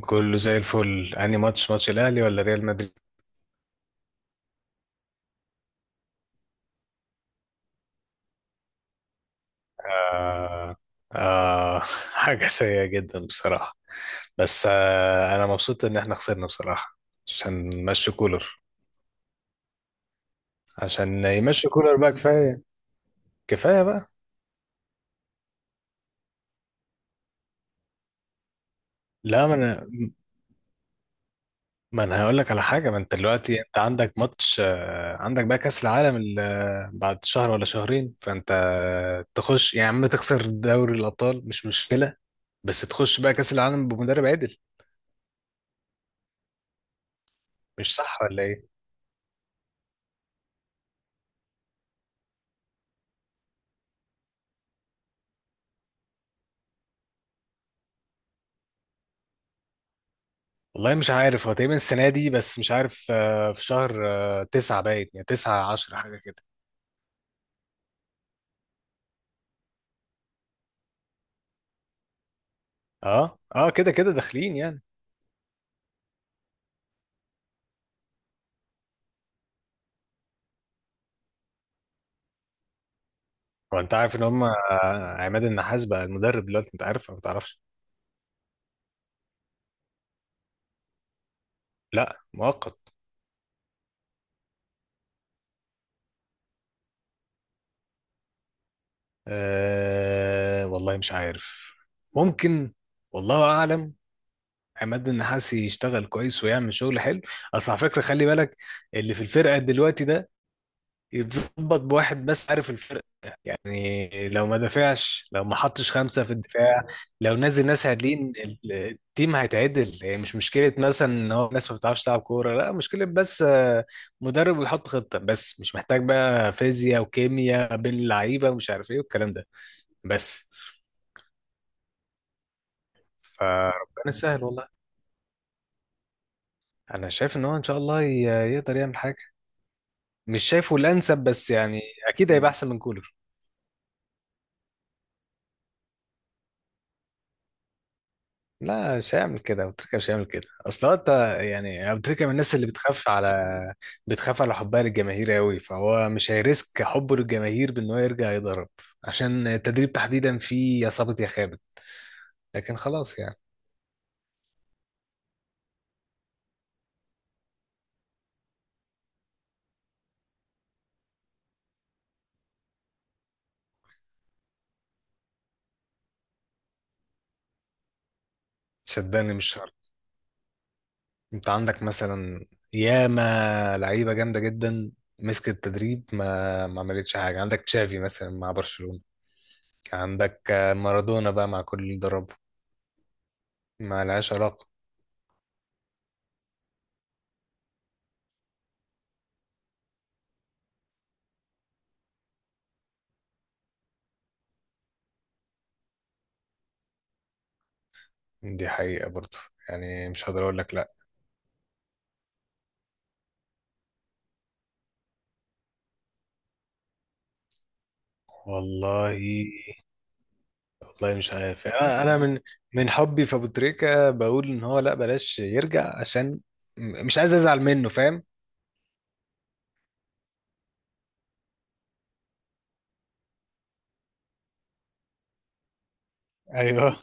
كله زي الفل. انهي ماتش، ماتش الاهلي ولا ريال مدريد؟ آه. آه، حاجه سيئه جدا بصراحه. بس انا مبسوط ان احنا خسرنا بصراحه. عشان يمشي كولر. عشان يمشي كولر بقى، كفايه. كفايه بقى. لا، ما انا هقول لك على حاجه. ما انت دلوقتي انت عندك ماتش، عندك بقى كاس العالم بعد شهر ولا شهرين. فانت تخش يا عم، تخسر دوري الابطال مش مشكله، بس تخش بقى كاس العالم بمدرب عدل. مش صح ولا ايه؟ والله مش عارف. هو تقريبا السنة دي، بس مش عارف، في شهر تسعة، باين يعني تسعة، عشرة، حاجة كده. اه اه كده كده داخلين يعني. هو انت عارف ان هم، عماد النحاس بقى المدرب دلوقتي، انت عارف ولا ما تعرفش؟ لا، مؤقت. آه والله مش عارف، ممكن، والله اعلم. عماد النحاس يشتغل كويس ويعمل شغل حلو. اصل على فكرة خلي بالك، اللي في الفرقة دلوقتي ده يتظبط بواحد بس، عارف الفرق؟ يعني لو ما دافعش، لو ما حطش خمسة في الدفاع، لو نزل ناس عادلين التيم هيتعدل. يعني مش مشكلة مثلا ان هو الناس ما بتعرفش تلعب كورة، لا مشكلة بس، مدرب ويحط خطة. بس مش محتاج بقى فيزياء وكيمياء بين اللعيبة ومش عارف ايه والكلام ده بس. فربنا يسهل والله. انا شايف ان هو ان شاء الله يقدر يعمل حاجة. مش شايفه الانسب بس يعني اكيد هيبقى احسن من كولر. لا مش هيعمل كده ابو تريكه، مش هيعمل كده. اصل هو انت، يعني ابو تريكه من الناس اللي بتخاف على، بتخاف على حبها للجماهير قوي. فهو مش هيريسك حبه للجماهير بان هو يرجع يضرب. عشان التدريب تحديدا فيه يا صابت يا خابت، لكن خلاص يعني. صدقني مش شرط. انت عندك مثلا ياما لعيبه جامده جدا مسكت التدريب ما عملتش حاجه. عندك تشافي مثلا مع برشلونه، عندك مارادونا بقى مع كل اللي دربه، ما لهاش علاقه. دي حقيقه برضه، يعني مش هقدر اقول لك لا. والله والله مش عارف يعني، انا من من حبي في ابو تريكه بقول ان هو لا بلاش يرجع. عشان مش عايز ازعل منه، فاهم. ايوه،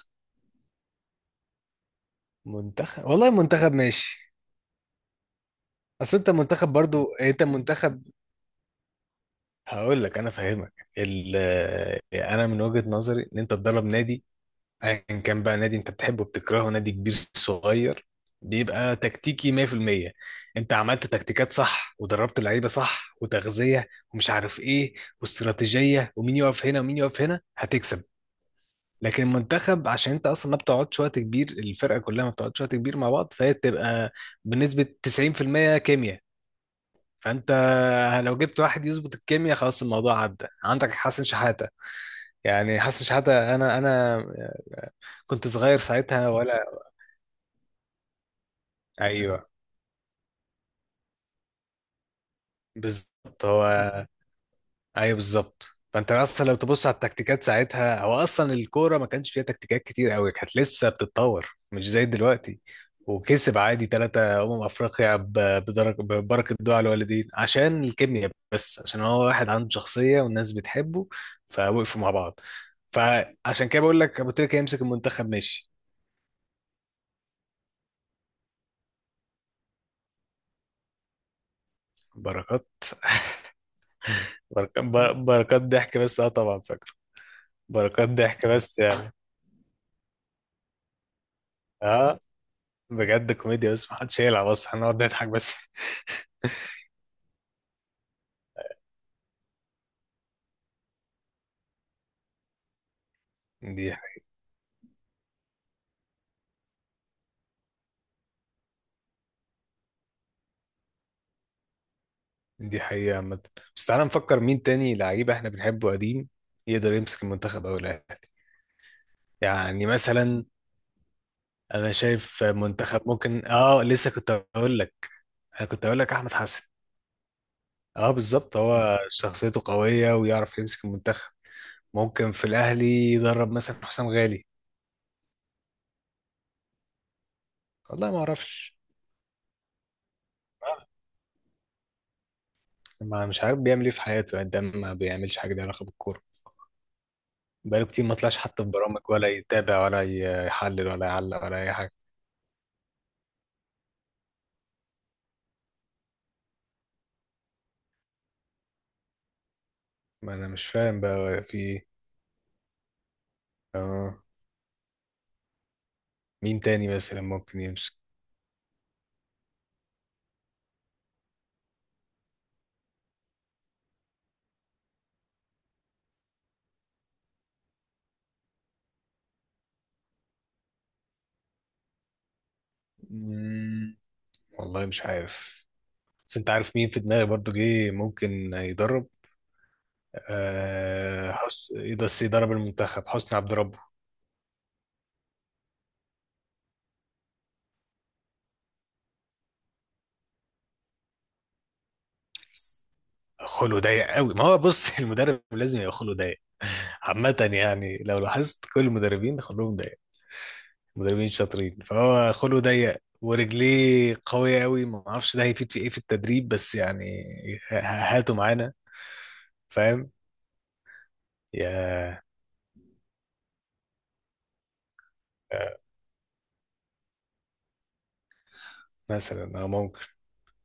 منتخب والله، منتخب ماشي. اصل انت منتخب برضو، انت منتخب. هقول لك انا فاهمك، انا من وجهة نظري ان انت تدرب نادي ايا كان بقى، نادي انت بتحبه بتكرهه، نادي كبير صغير، بيبقى تكتيكي 100%. انت عملت تكتيكات صح ودربت اللعيبه صح وتغذيه ومش عارف ايه واستراتيجيه ومين يقف هنا ومين يقف هنا، هتكسب. لكن المنتخب، عشان انت اصلا ما بتقعدش وقت كبير، الفرقه كلها ما بتقعدش وقت كبير مع بعض، فهي بتبقى بنسبه 90% كيمياء. فانت لو جبت واحد يظبط الكيمياء خلاص الموضوع عدى. عندك حسن شحاته، يعني حسن شحاته انا انا كنت صغير ساعتها ولا؟ ايوه بالظبط هو. ايوه بالظبط. فانت اصلا لو تبص على التكتيكات ساعتها، هو اصلا الكوره ما كانش فيها تكتيكات كتير قوي، كانت لسه بتتطور مش زي دلوقتي. وكسب عادي ثلاثة أمم أفريقيا ببركة دعاء الوالدين، عشان الكيمياء، بس عشان هو واحد عنده شخصية والناس بتحبه، فوقفوا مع بعض. فعشان كده بقول لك أبو تريكة يمسك المنتخب ماشي. بركات. بركات. بركات ضحك بس، اه طبعا فاكره. بركات ضحك بس يعني اه، بجد كوميديا بس ما حدش يقلع، بس هنقعد نضحك بس. دي، دي حقيقة عامة. بس تعالى نفكر مين تاني لعيب احنا بنحبه قديم يقدر يمسك المنتخب او الاهلي، يعني مثلا. انا شايف منتخب ممكن، اه لسه كنت هقول لك، انا كنت هقول لك احمد حسن. اه بالظبط، هو شخصيته قوية ويعرف يمسك المنتخب. ممكن في الاهلي يدرب مثلا حسام غالي. والله ما اعرفش، ما مش عارف بيعمل ايه في حياته، يعني ده ما بيعملش حاجة ليها علاقة بالكورة. بقاله كتير ما طلعش حتى في برامج، ولا يتابع ولا يحلل ولا يعلق ولا أي حاجة. ما أنا مش فاهم بقى في إيه. آه مين تاني مثلا ممكن يمسك؟ مم، والله مش عارف. بس أنت عارف مين في دماغي برضو جه ممكن يدرب؟ حسن، بس يدرب المنتخب، حسني عبد ربه. خلقه ضيق قوي ما هو، بص، المدرب لازم يبقى خلقه ضيق عامة. يعني لو لاحظت كل المدربين خلقهم ضيق، مدربين شاطرين. فهو خلقه ضيق ورجليه قوية قوي، ما اعرفش ده هيفيد في ايه في التدريب بس يعني ه- هاته معانا، فاهم. يا، آه، مثلا اه ممكن.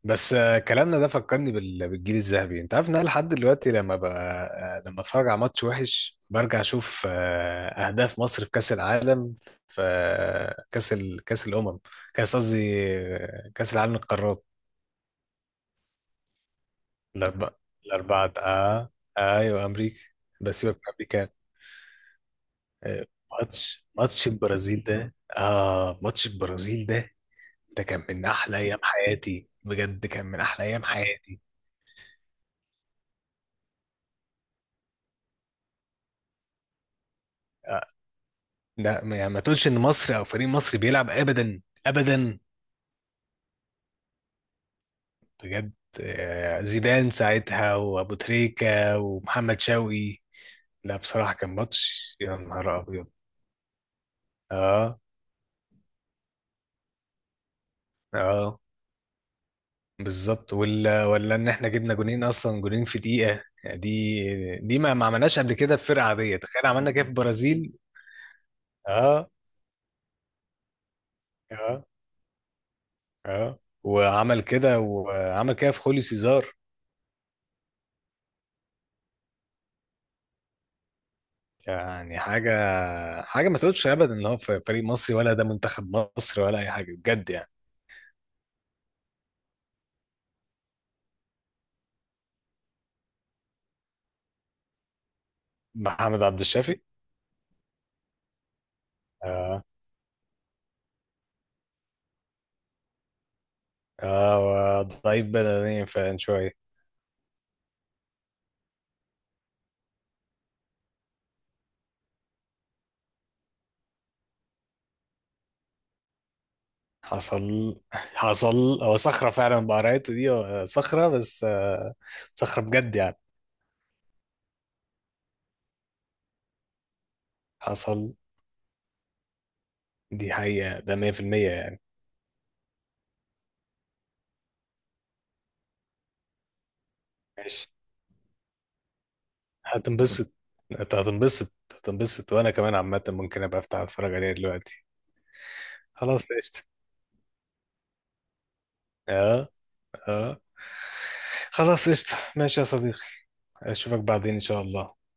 بس كلامنا ده فكرني بالجيل الذهبي. انت عارف ان انا لحد دلوقتي لما ب... آه، لما اتفرج على ماتش وحش برجع اشوف اهداف مصر في كاس العالم، في كاس كاس الامم. كاس قصدي كاس العالم للقارات. الاربعه، الاربعه اه. ايوه، امريكا. بس يبقى بكام. آه، ماتش، ماتش البرازيل ده، اه ماتش البرازيل ده ده كان من احلى ايام حياتي بجد، كان من احلى ايام حياتي. آه. لا يعني ما تقولش ان مصر او فريق مصري بيلعب ابدا ابدا، بجد. زيدان ساعتها وابو تريكة ومحمد شوقي. لا بصراحة كان ماتش يا نهار ابيض. اه اه بالظبط، ولا ولا ان احنا جبنا جونين اصلا، جونين في دقيقة. يعني دي دي ما عملناش قبل كده في فرقة عادية، تخيل عملنا كده في البرازيل. اه اه اه وعمل كده، وعمل كده في خوليو سيزار. يعني حاجة، حاجة ما تقولش أبدا إن هو في فريق مصري ولا ده منتخب مصر ولا أي حاجة بجد يعني. محمد عبد الشافي. اه اه ضعيف بدنيا فعلا شوية. حصل حصل. هو صخرة فعلا بقرايته دي، هو صخرة بس صخرة بجد يعني. حصل، دي حقيقة. ده 100% يعني. هتنبسط. انت هتنبسط، هتنبسط، وانا كمان عامة ممكن ابقى افتح اتفرج عليها دلوقتي. خلاص قشطة. اه اه خلاص قشطة ماشي يا صديقي، اشوفك بعدين ان شاء الله.